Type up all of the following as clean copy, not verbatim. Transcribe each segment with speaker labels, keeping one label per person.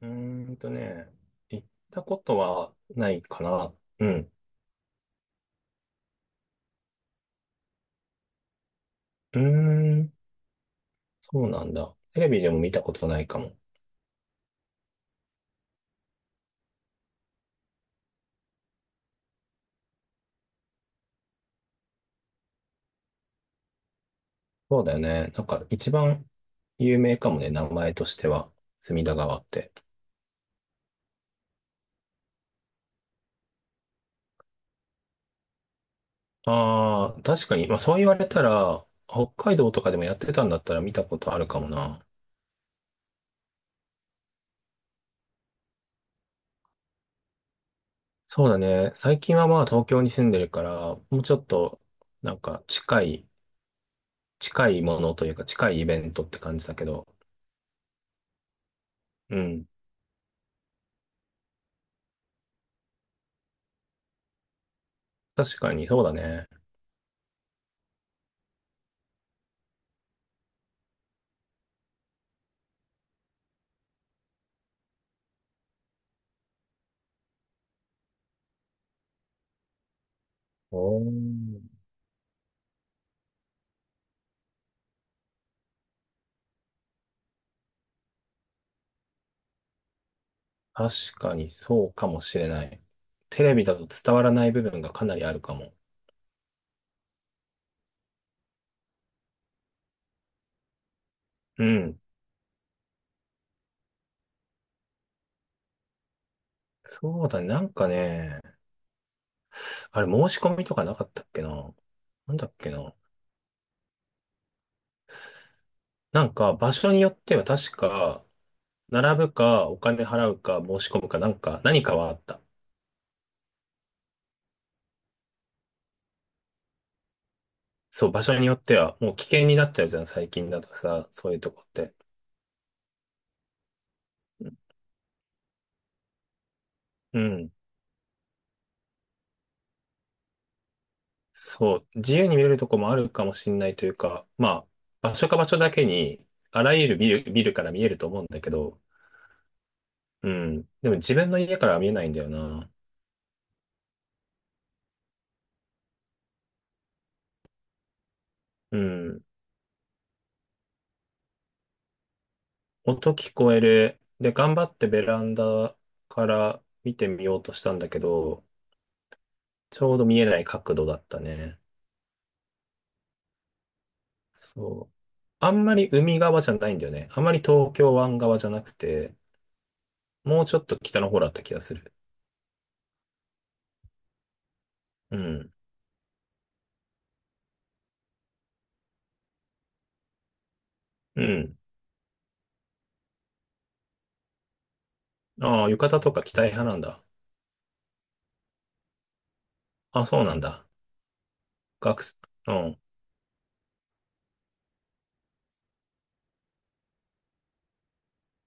Speaker 1: うーんとね、行ったことはないかな。うん。うーん、そうなんだ。テレビでも見たことないかも。そうだよね。なんか一番有名かもね、名前としては、隅田川って。ああ、確かに。まあそう言われたら、北海道とかでもやってたんだったら見たことあるかもな。そうだね。最近はまあ東京に住んでるから、もうちょっと、なんか近いものというか近いイベントって感じだけど、うん。確かにそうだね。おー、確かにそうかもしれない。テレビだと伝わらない部分がかなりあるかも。うん。そうだね。なんかね、あれ申し込みとかなかったっけな。なんだっけな。なんか場所によっては確か、並ぶかお金払うか申し込むかなんか何かはあった。そう、場所によってはもう危険になっちゃうじゃん、最近だとさ、そういうとこって。うん。そう、自由に見れるとこもあるかもしれないというか、まあ、場所か場所だけに、あらゆるビルから見えると思うんだけど、うん。でも自分の家からは見えないんだよな。うん。音聞こえる。で、頑張ってベランダから見てみようとしたんだけど、ちょうど見えない角度だったね。そう。あんまり海側じゃないんだよね。あんまり東京湾側じゃなくて、もうちょっと北の方だった気がする。うん。うん。ああ、浴衣とか着たい派なんだ。あ、そうなんだ。学生、うん、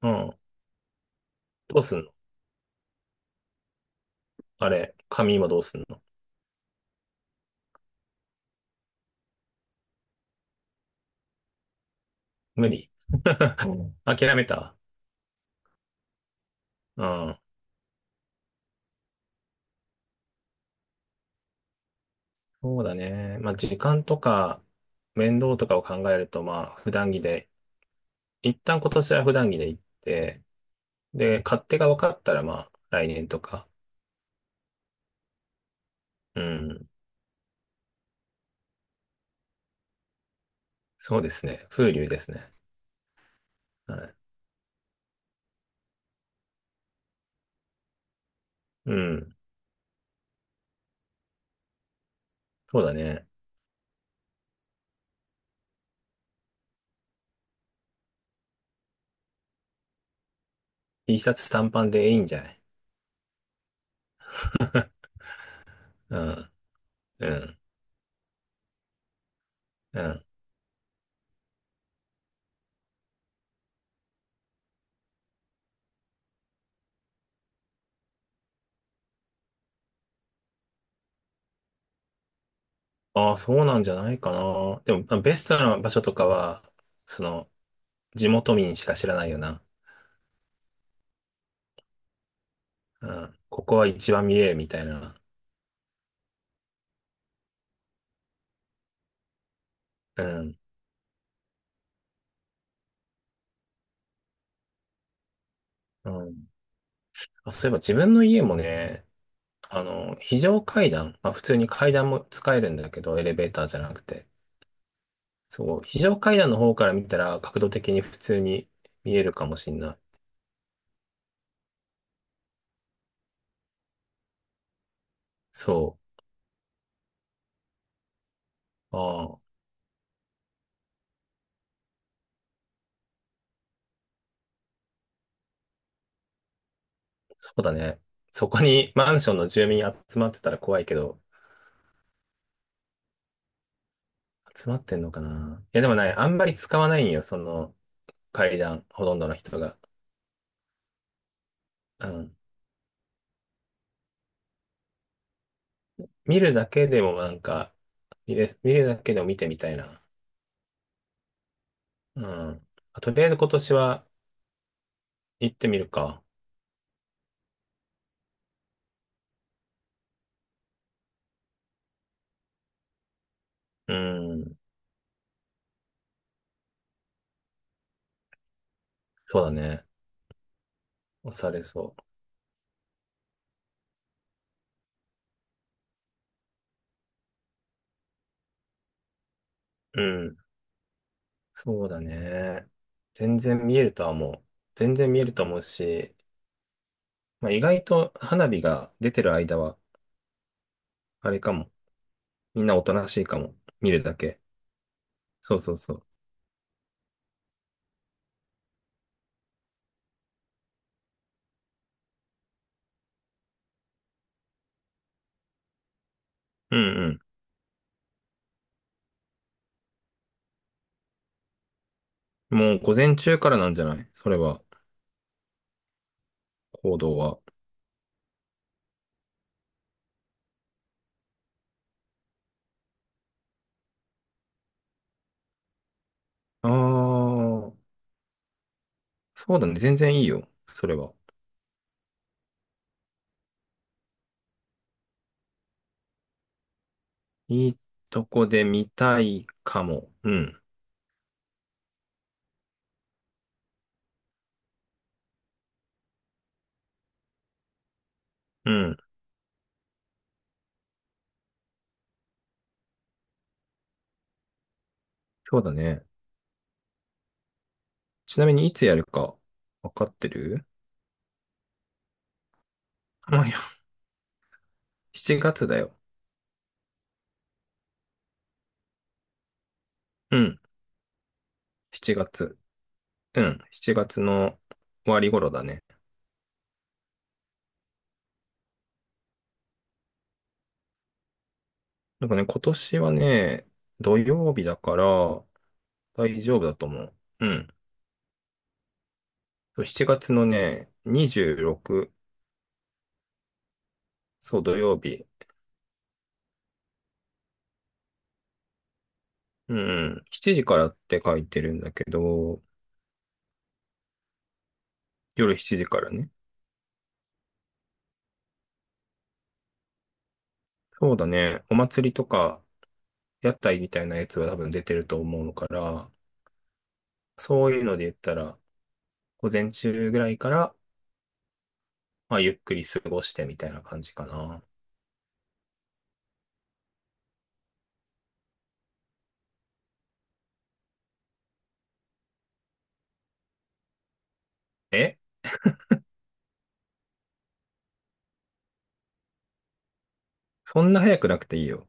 Speaker 1: うん。どうすんの？あれ、紙今どうすんの？無理？うん、諦めた？うん。そうだね。まあ、時間とか、面倒とかを考えると、まあ、普段着で、一旦今年は普段着で行って、で、勝手が分かったら、まあ、来年とか。うん。そうですね。風流ですね。はい。うん。そうだね。T シャツ短パンでいいんじゃない？うん。うん。うん。ああ、そうなんじゃないかな。でも、まあベストな場所とかは、その、地元民しか知らないよな。うん。ここは一番見えるみたいな。うん。うん。あ、そういえば自分の家もね、非常階段、まあ普通に階段も使えるんだけど、エレベーターじゃなくて。そう、非常階段の方から見たら角度的に普通に見えるかもしんない。そう。ああ、そうだね。そこにマンションの住民集まってたら怖いけど、集まってんのかな。いや、でもね、あんまり使わないんよ、その階段、ほとんどの人が。うん。見るだけでもなんか、見るだけでも見てみたいな。うん。あ、とりあえず今年は行ってみるか。うん。そうだね。押されそう。うん。そうだね。全然見えるとは思う。全然見えると思うし、まあ、意外と花火が出てる間は、あれかも。みんなおとなしいかも。見るだけ。そうそうそう。うん。もう午前中からなんじゃない？それは、行動は。ああ、そうだね。全然いいよ。それは。いいとこで見たいかも。うん。うん。そうだね。ちなみにいつやるか、わかってる？ まあ、いや、7月だよ。うん。7月。うん。7月の終わり頃だね。なんかね、今年はね、土曜日だから大丈夫だと思う。うん。そう7月のね、26、そう、土曜日。うん。7時からって書いてるんだけど、夜7時からね。そうだね。お祭りとか、屋台みたいなやつは多分出てると思うから、そういうので言ったら、午前中ぐらいから、まあ、ゆっくり過ごしてみたいな感じかな。え、そんな早くなくていいよ。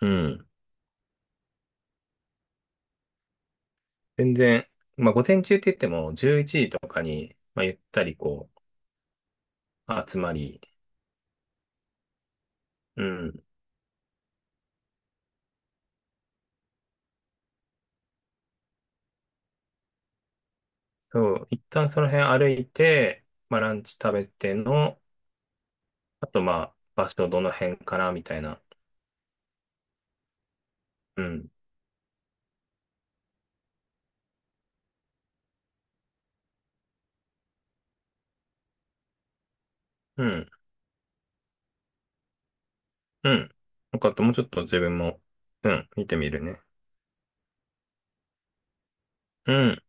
Speaker 1: うん。全然、まあ、午前中って言っても、11時とかに、まあ、ゆったりこう、集まり、うん。そう、一旦その辺歩いて、まあ、ランチ食べての、あと、まあ、場所どの辺かな、みたいな。うん。うん。うん。よかった。もうちょっと自分も、うん、見てみるね。うん。